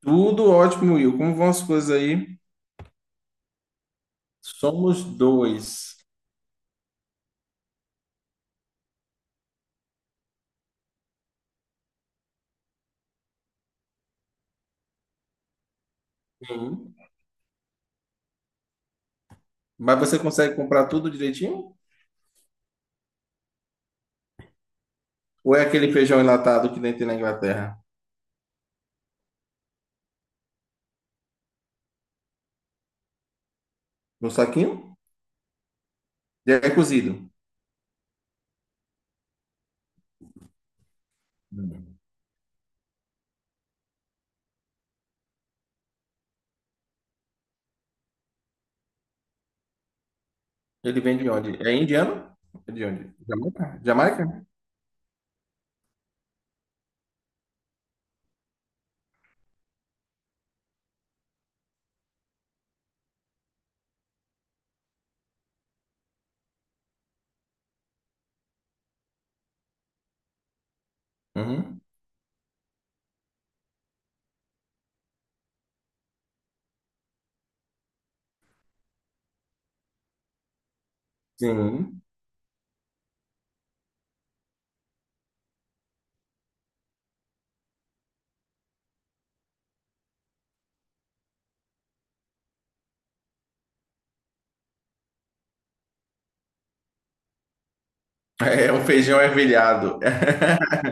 Tudo ótimo, Will. Como vão as coisas aí? Somos dois. Sim. Mas você consegue comprar tudo direitinho? Ou é aquele feijão enlatado que nem tem na Inglaterra? No saquinho? E é cozido. Hum. Ele vem de onde? É indiano? É de onde? Jamaica? Jamaica? Uhum. Sim. É um feijão ervilhado.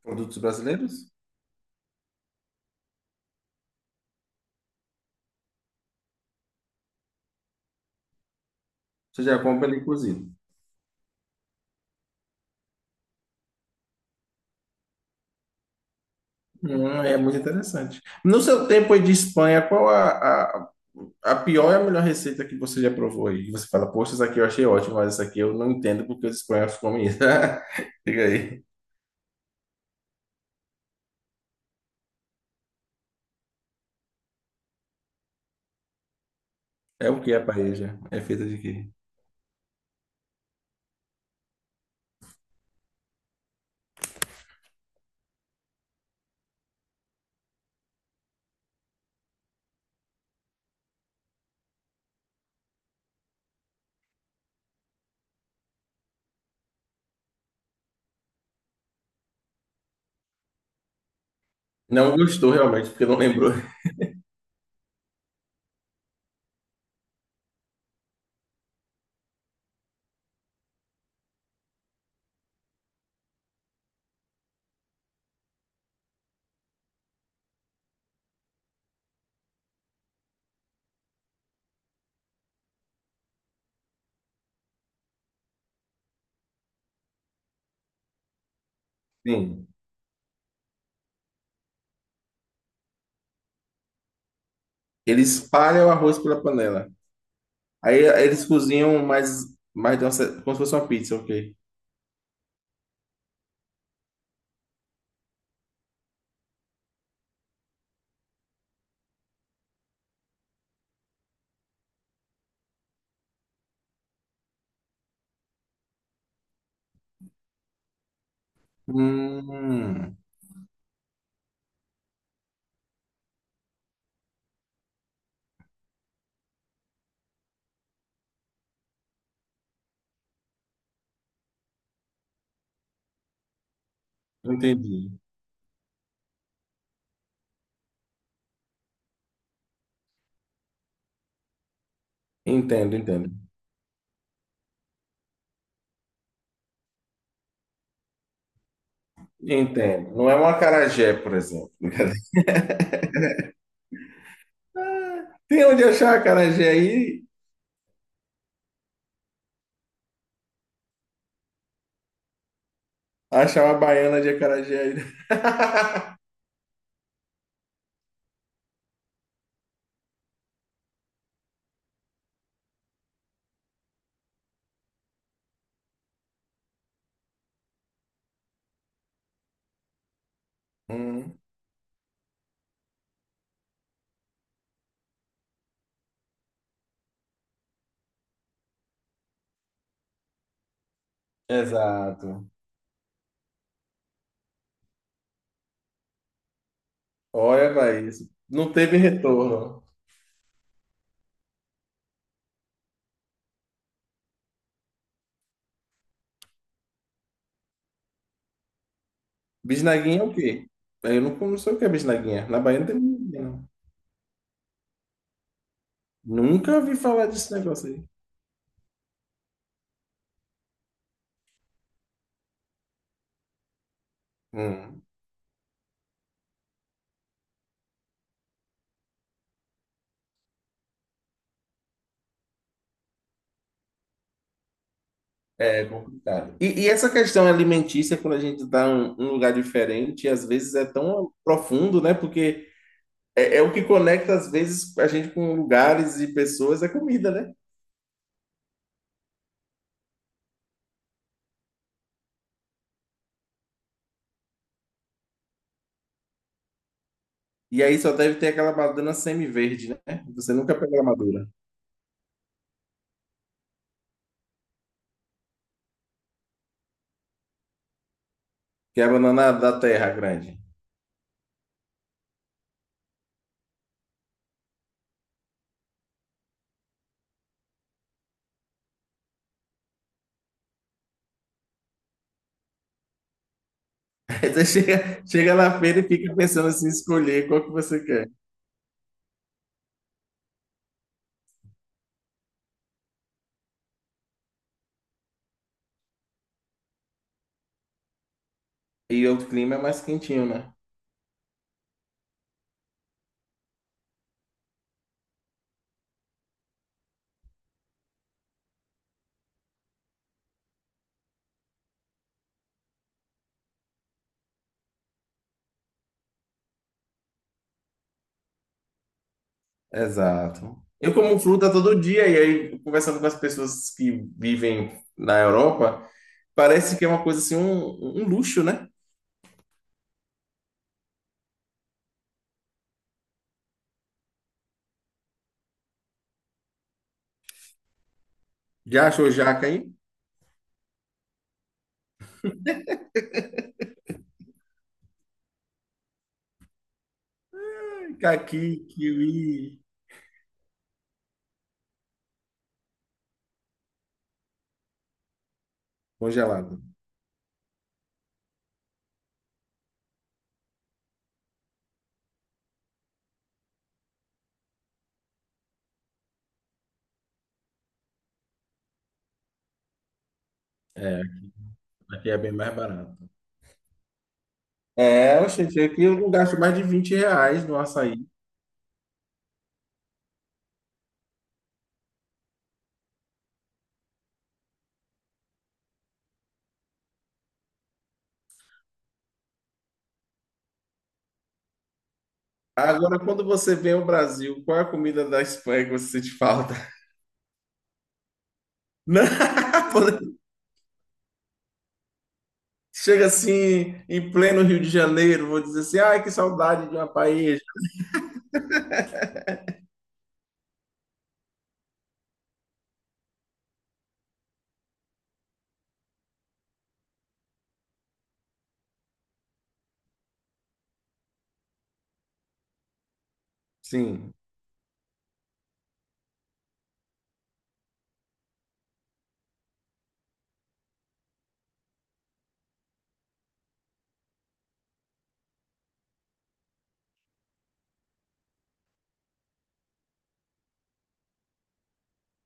Produtos brasileiros? Você já compra ele cozido. É muito interessante. No seu tempo aí de Espanha, qual a, A pior é a melhor receita que você já provou aí. Que Você fala, poxa, essa aqui eu achei ótima, mas essa aqui eu não entendo porque os espanhóis comem isso. Diga aí. É o que a paella? É feita de quê? Não gostou realmente, porque não lembrou. Sim. Eles espalham o arroz pela panela. Aí eles cozinham mais, mais de uma como se fosse uma pizza, ok? Hum, entendi. Entendo, entendo. Entendo. Não é um acarajé, por exemplo. Ah, tem onde achar acarajé aí? Achar uma baiana de acarajé aí. Hum, exato. Olha, vai isso. Não teve retorno. Bisnaguinha é o quê? Eu não sei o que é bisnaguinha. Na Bahia não tem bisnaguinha, não. Nunca ouvi falar desse negócio aí. Hum, é complicado. E essa questão alimentícia, quando a gente está em um lugar diferente, às vezes é tão profundo, né? Porque é o que conecta, às vezes, a gente com lugares e pessoas, é comida, né? E aí só deve ter aquela banana semi-verde, né? Você nunca pegou a madura, que é a banana da terra grande. Aí você chega na feira e fica pensando assim, escolher qual que você quer. E o clima é mais quentinho, né? Exato. Eu como fruta todo dia, e aí conversando com as pessoas que vivem na Europa, parece que é uma coisa assim, um luxo, né? Já achou jaca aí? Caqui, kiwi, congelado. Aqui é bem mais barato. É, oxente, aqui eu não gasto mais de 20 reais no açaí. Agora, quando você vem ao Brasil, qual é a comida da Espanha que você sente falta? Não, quando Chega assim, em pleno Rio de Janeiro, vou dizer assim, ai, que saudade de uma paella. Sim,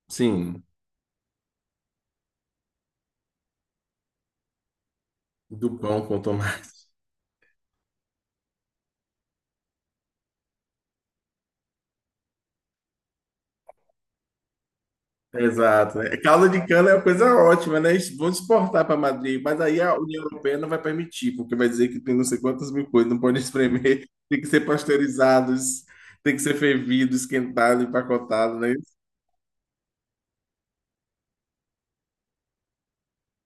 sim, do pão com tomate. Exato, né? Caldo de cana é uma coisa ótima, né? Isso. Vamos exportar para Madrid, mas aí a União Europeia não vai permitir, porque vai dizer que tem não sei quantas mil coisas, não pode espremer, tem que ser pasteurizados, tem que ser fervido, esquentado, empacotado, né?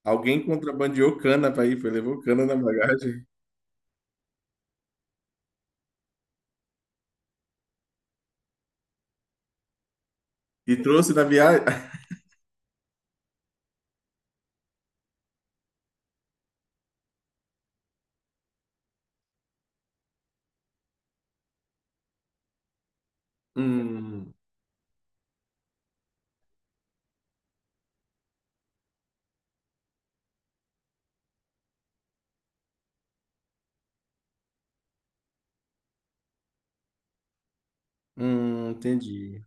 Alguém contrabandeou cana para ir, foi, levou cana na bagagem e trouxe na viagem. Hum, entendi.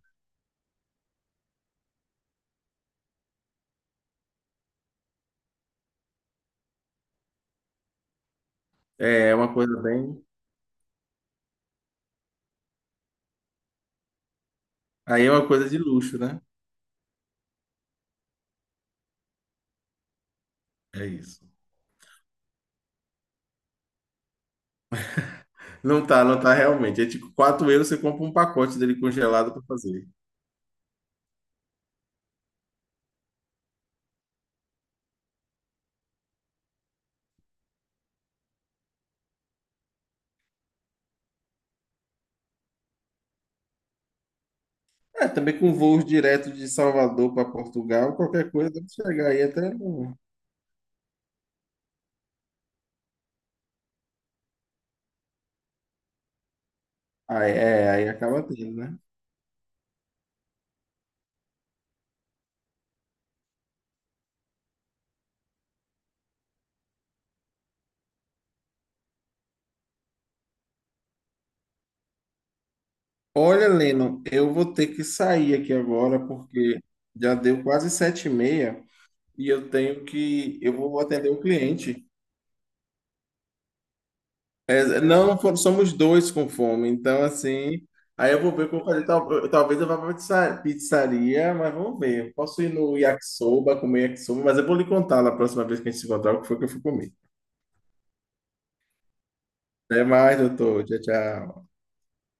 É é uma coisa bem. Aí é uma coisa de luxo, né? É isso. Não tá, não tá realmente. É tipo 4 euros você compra um pacote dele congelado para fazer. É, também com voos direto de Salvador para Portugal, qualquer coisa deve chegar aí até. Aí, é, aí acaba tendo, né? Olha, Leno, eu vou ter que sair aqui agora porque já deu quase 7h30. Eu vou atender o cliente. É, não, for- somos dois com fome, então assim, aí eu vou ver como fazer, talvez eu vá para pizzaria, mas vamos ver. Eu posso ir no yakisoba, comer yakisoba, mas eu vou lhe contar na próxima vez que a gente se encontrar o que foi que eu fui comer. Até mais, doutor. Tchau, tchau.